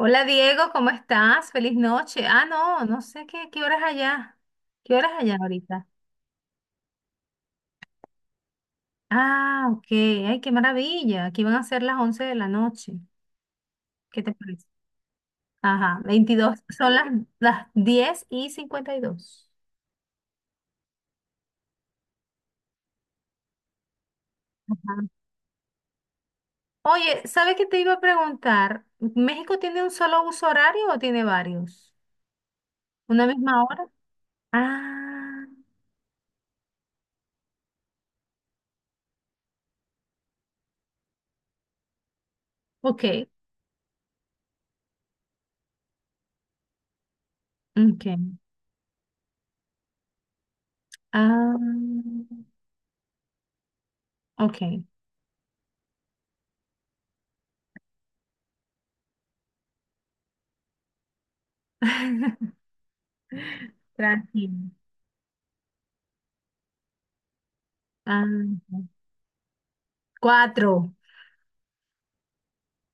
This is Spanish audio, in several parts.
Hola Diego, ¿cómo estás? Feliz noche. Ah, no, no sé qué horas allá. ¿Qué horas allá ahorita? Ah, ok. Ay, qué maravilla. Aquí van a ser las 11 de la noche. ¿Qué te parece? Ajá, 22. Son las diez y 52. Ajá. Oye, ¿sabes qué te iba a preguntar? ¿México tiene un solo uso horario o tiene varios? ¿Una misma hora? Ah, ok. Ok. Ah, ok. Tranquilo. Ah, cuatro.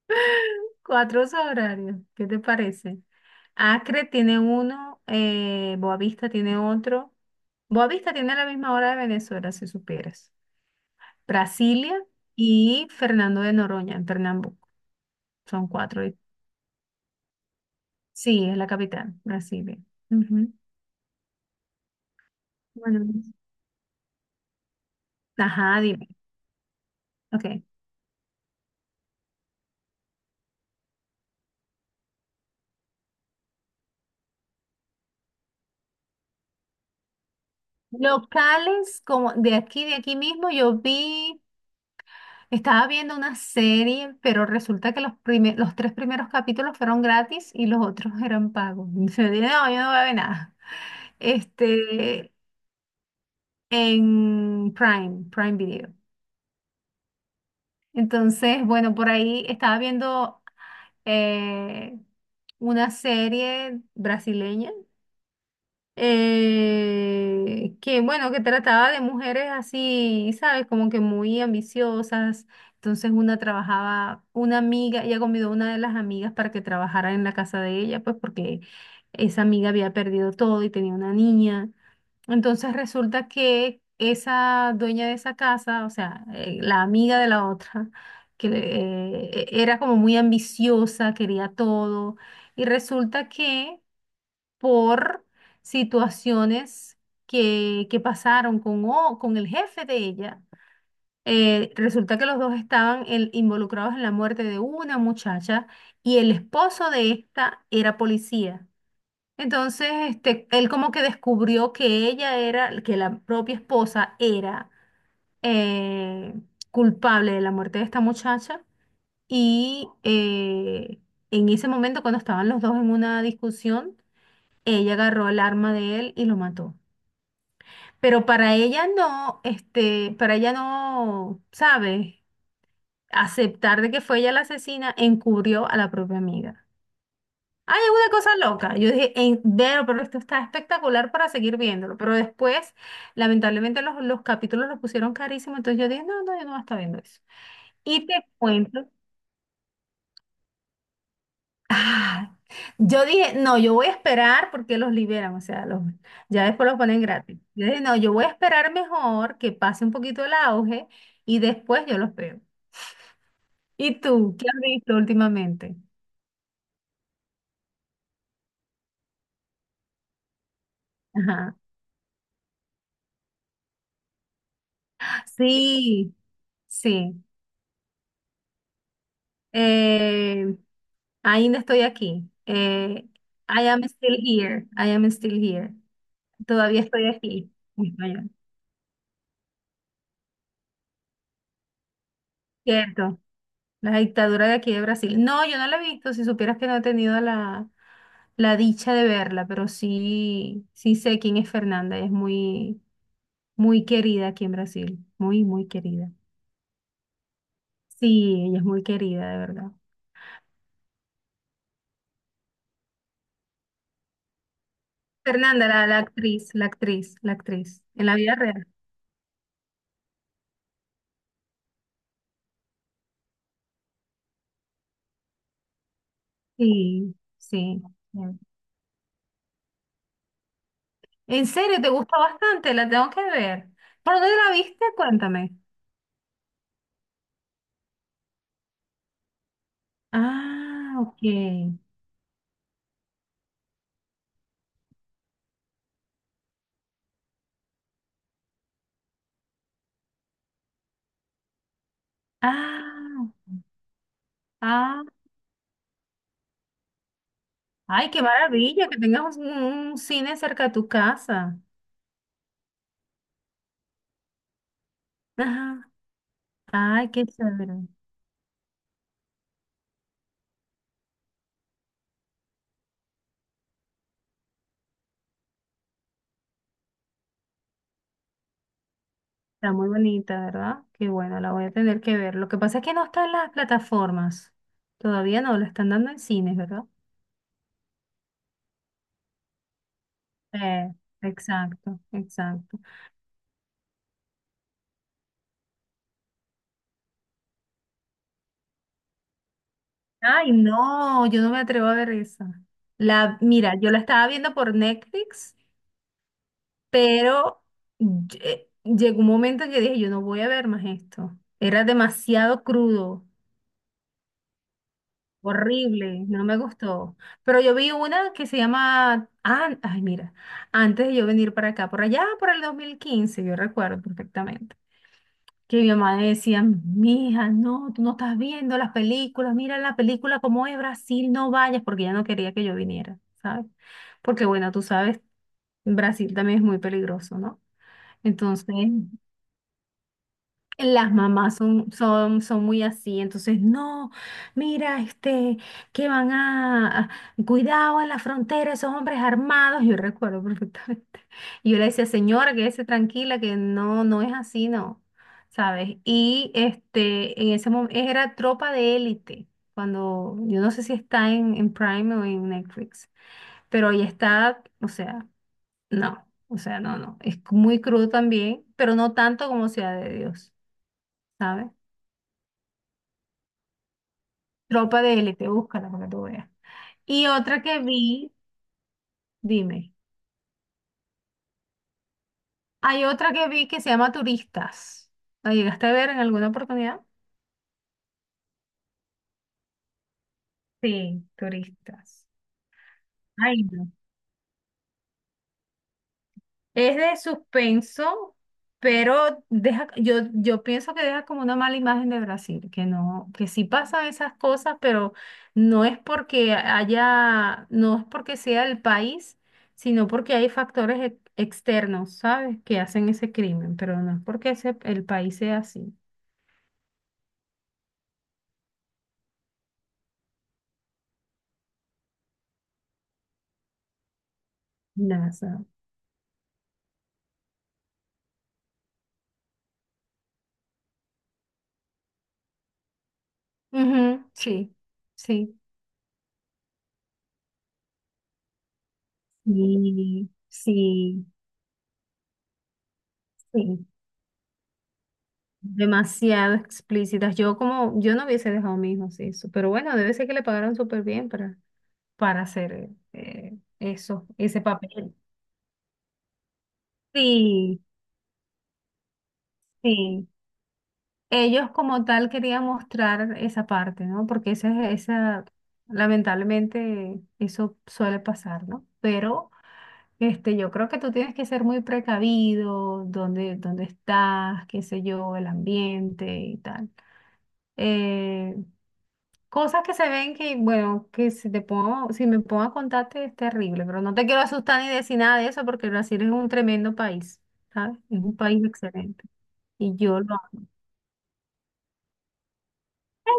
Cuatro horarios. ¿Qué te parece? Acre tiene uno, Boavista tiene otro. Boavista tiene la misma hora de Venezuela, si supieras. Brasilia y Fernando de Noroña, en Pernambuco. Son cuatro. Sí, es la capital, Brasilia. Ujú. Bueno, ajá, dime. Ok. Locales como de aquí mismo, yo vi. Estaba viendo una serie, pero resulta que los tres primeros capítulos fueron gratis y los otros eran pagos. Y se dije, no, yo no voy a ver nada. Este, en Prime Video. Entonces, bueno, por ahí estaba viendo eh, una serie brasileña que bueno, que trataba de mujeres así, ¿sabes? Como que muy ambiciosas. Entonces una trabajaba, una amiga, ella convidó a una de las amigas para que trabajara en la casa de ella, pues porque esa amiga había perdido todo y tenía una niña. Entonces resulta que esa dueña de esa casa, o sea, la amiga de la otra, que era como muy ambiciosa, quería todo, y resulta que por situaciones que pasaron con el jefe de ella. Resulta que los dos estaban involucrados en la muerte de una muchacha y el esposo de esta era policía. Entonces, este, él como que descubrió que ella era, que la propia esposa era eh, culpable de la muerte de esta muchacha y en ese momento cuando estaban los dos en una discusión, ella agarró el arma de él y lo mató. Pero para ella no, este, para ella no, ¿sabe? Aceptar de que fue ella la asesina encubrió a la propia amiga. Hay una cosa loca. Yo dije, pero esto está espectacular para seguir viéndolo. Pero después, lamentablemente, los capítulos los pusieron carísimo. Entonces yo dije, no, no, yo no voy a estar viendo eso. Y te cuento. Ah, yo dije, no, yo voy a esperar porque los liberan, o sea, ya después los ponen gratis. Yo dije, no, yo voy a esperar mejor que pase un poquito el auge y después yo los veo. ¿Y tú, qué has visto últimamente? Ajá. Sí, sí. Eh, Ainda estoy aquí. I am still here. I am still here. Todavía estoy aquí. Cierto, la dictadura de aquí de Brasil. No, yo no la he visto, si supieras que no he tenido la dicha de verla, pero sí, sí sé quién es Fernanda, ella es muy, muy querida aquí en Brasil, muy, muy querida. Sí, ella es muy querida, de verdad. Fernanda, la actriz, la actriz, la actriz, en la vida real. Sí, sí. Bien. ¿En serio? ¿Te gusta bastante? La tengo que ver. ¿Por dónde la viste? Cuéntame. Ah, ok. Ah, ah, Ay, qué maravilla que tengas un cine cerca de tu casa. Ajá. Ay, qué chévere. Está muy bonita, ¿verdad? Qué bueno, la voy a tener que ver. Lo que pasa es que no está en las plataformas. Todavía no, la están dando en cines, ¿verdad? Eh, exacto, exacto. Ay, no, yo no me atrevo a ver esa. Mira, yo la estaba viendo por Netflix, pero llegó un momento en que dije, yo no voy a ver más esto. Era demasiado crudo. Horrible, no me gustó. Pero yo vi una que se llama, ah, ay, mira, antes de yo venir para acá, por allá, por el 2015 yo recuerdo perfectamente, que mi mamá decía, mija, no, tú no estás viendo las películas, mira la película como es Brasil, no vayas, porque ella no quería que yo viniera, ¿sabes? Porque bueno, tú sabes, Brasil también es muy peligroso, ¿no? Entonces, las mamás son muy así, entonces, no, mira, este, que van cuidado en la frontera, esos hombres armados, yo recuerdo perfectamente. Y yo le decía, señora, quédese tranquila, que no, no es así, no, ¿sabes? Y este, en ese momento, era Tropa de Élite, cuando, yo no sé si está en Prime o en Netflix, pero ahí está, o sea, no, no, es muy crudo también, pero no tanto como Ciudad de Dios. ¿Sabes? Tropa de élite, búscala para que tú veas. Y otra que vi, dime, hay otra que vi que se llama Turistas. ¿La llegaste a ver en alguna oportunidad? Sí, Turistas. Ay, no. Es de suspenso, pero deja, yo pienso que deja como una mala imagen de Brasil, que no, que sí pasan esas cosas, pero no es porque haya, no es porque sea el país, sino porque hay factores externos, ¿sabes? Que hacen ese crimen, pero no es porque el país sea así. Nada. Ujú, sí, sí. Sí, sí, sí. Demasiado explícitas. Yo no hubiese dejado a mi hijo así eso, pero bueno, debe ser que le pagaron súper bien para hacer eso, ese papel. Sí, sí. Ellos como tal querían mostrar esa parte, ¿no? Porque esa, lamentablemente, eso suele pasar, ¿no? Pero este, yo creo que tú tienes que ser muy precavido, dónde estás, qué sé yo, el ambiente y tal. Eh, Cosas que se ven que, bueno, que si me pongo a contarte es terrible, pero no te quiero asustar ni decir nada de eso porque Brasil es un tremendo país, ¿sabes? Es un país excelente. Y yo lo amo.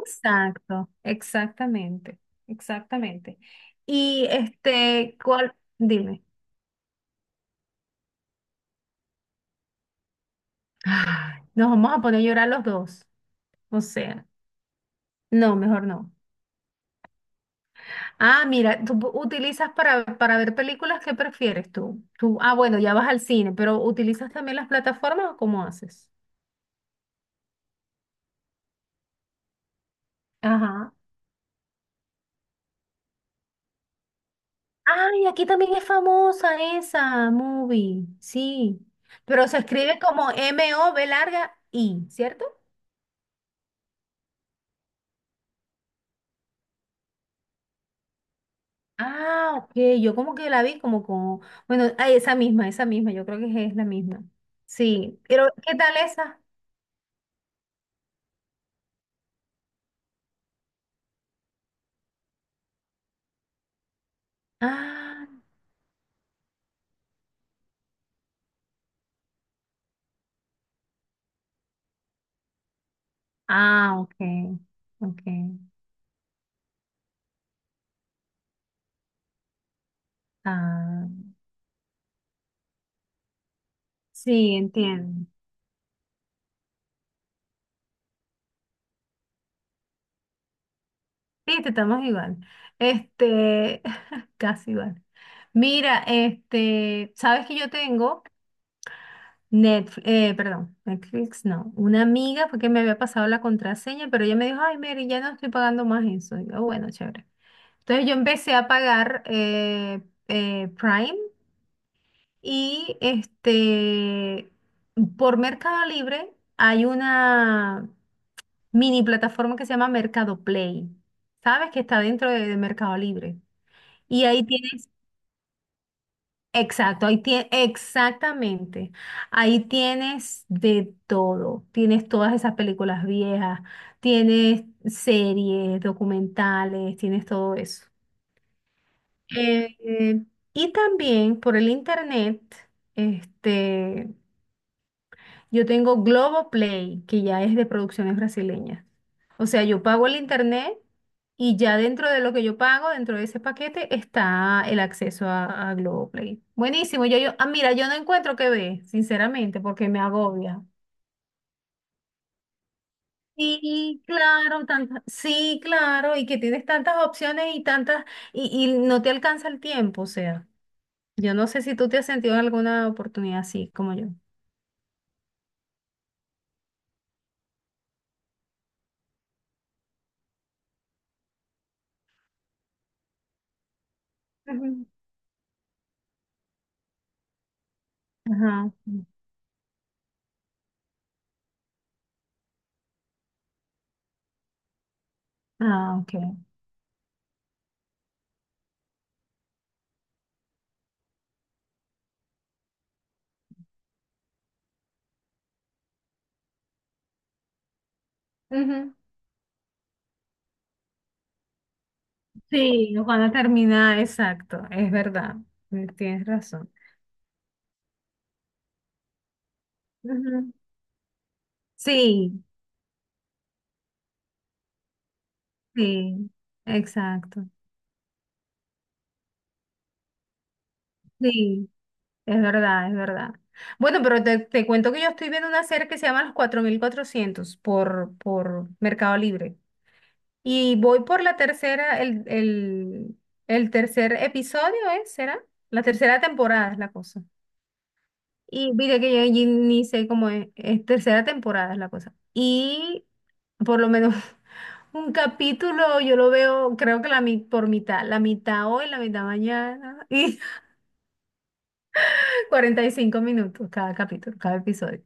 Exacto, exactamente, exactamente. Y este, ¿cuál? Dime. Ay, nos vamos a poner a llorar los dos. O sea, no, mejor no. Ah, mira, tú utilizas para ver películas, ¿qué prefieres tú? Tú, ah, bueno, ya vas al cine, pero ¿utilizas también las plataformas o cómo haces? Ajá. Ay, aquí también es famosa esa movie, sí. Pero se escribe como M-O-V larga I, ¿cierto? Ah, ok, yo como que la vi como, bueno, ah, esa misma, yo creo que es la misma. Sí, pero ¿qué tal esa? Ah, ah, ok, ok. Ah, sí, entiendo. Viste, estamos igual. Este, casi igual. Mira, este, sabes que yo tengo Netflix, perdón, Netflix no. Una amiga fue que me había pasado la contraseña, pero ella me dijo, ay, Mary, ya no estoy pagando más eso. Y yo, bueno, chévere. Entonces yo empecé a pagar Prime y este, por Mercado Libre hay una mini plataforma que se llama Mercado Play. ¿Sabes? Que está dentro de Mercado Libre. Y ahí tienes Exacto, exactamente. Ahí tienes de todo. Tienes todas esas películas viejas, tienes series, documentales, tienes todo eso. Eh, eh, y también por el internet, este, yo tengo Globoplay, que ya es de producciones brasileñas. O sea, yo pago el internet y ya dentro de lo que yo pago, dentro de ese paquete, está el acceso a Globoplay. Buenísimo. Yo, ah, mira, yo no encuentro qué ver, sinceramente, porque me agobia. Sí, claro, tantas, sí, claro, y que tienes tantas opciones y tantas, y no te alcanza el tiempo, o sea, yo no sé si tú te has sentido en alguna oportunidad así como yo. Ujú. Ajá. Ah, ok. Ujú. Sí, Juana termina, exacto, es verdad, tienes razón. Ujú. Sí, sí, exacto, sí, es verdad, es verdad. Bueno, pero te cuento que yo estoy viendo una serie que se llama Los 4400 por Mercado Libre y voy por la tercera, el tercer episodio, ¿eh? ¿Será? La tercera temporada es la cosa. Y mira que yo allí ni sé cómo es tercera temporada es la cosa. Y por lo menos un capítulo yo lo veo, creo que por mitad, la mitad hoy, la mitad mañana y 45 minutos cada capítulo, cada episodio.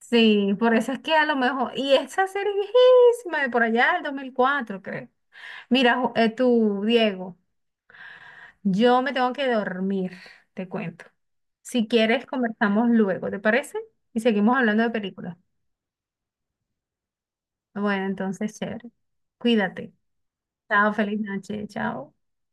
Sí, por eso es que a lo mejor, y esa serie es viejísima, de por allá del 2004 creo. Mira, tú, Diego, yo me tengo que dormir, te cuento. Si quieres, conversamos luego, ¿te parece? Y seguimos hablando de películas. Bueno, entonces, chévere. Cuídate. Chao, feliz noche. Chao.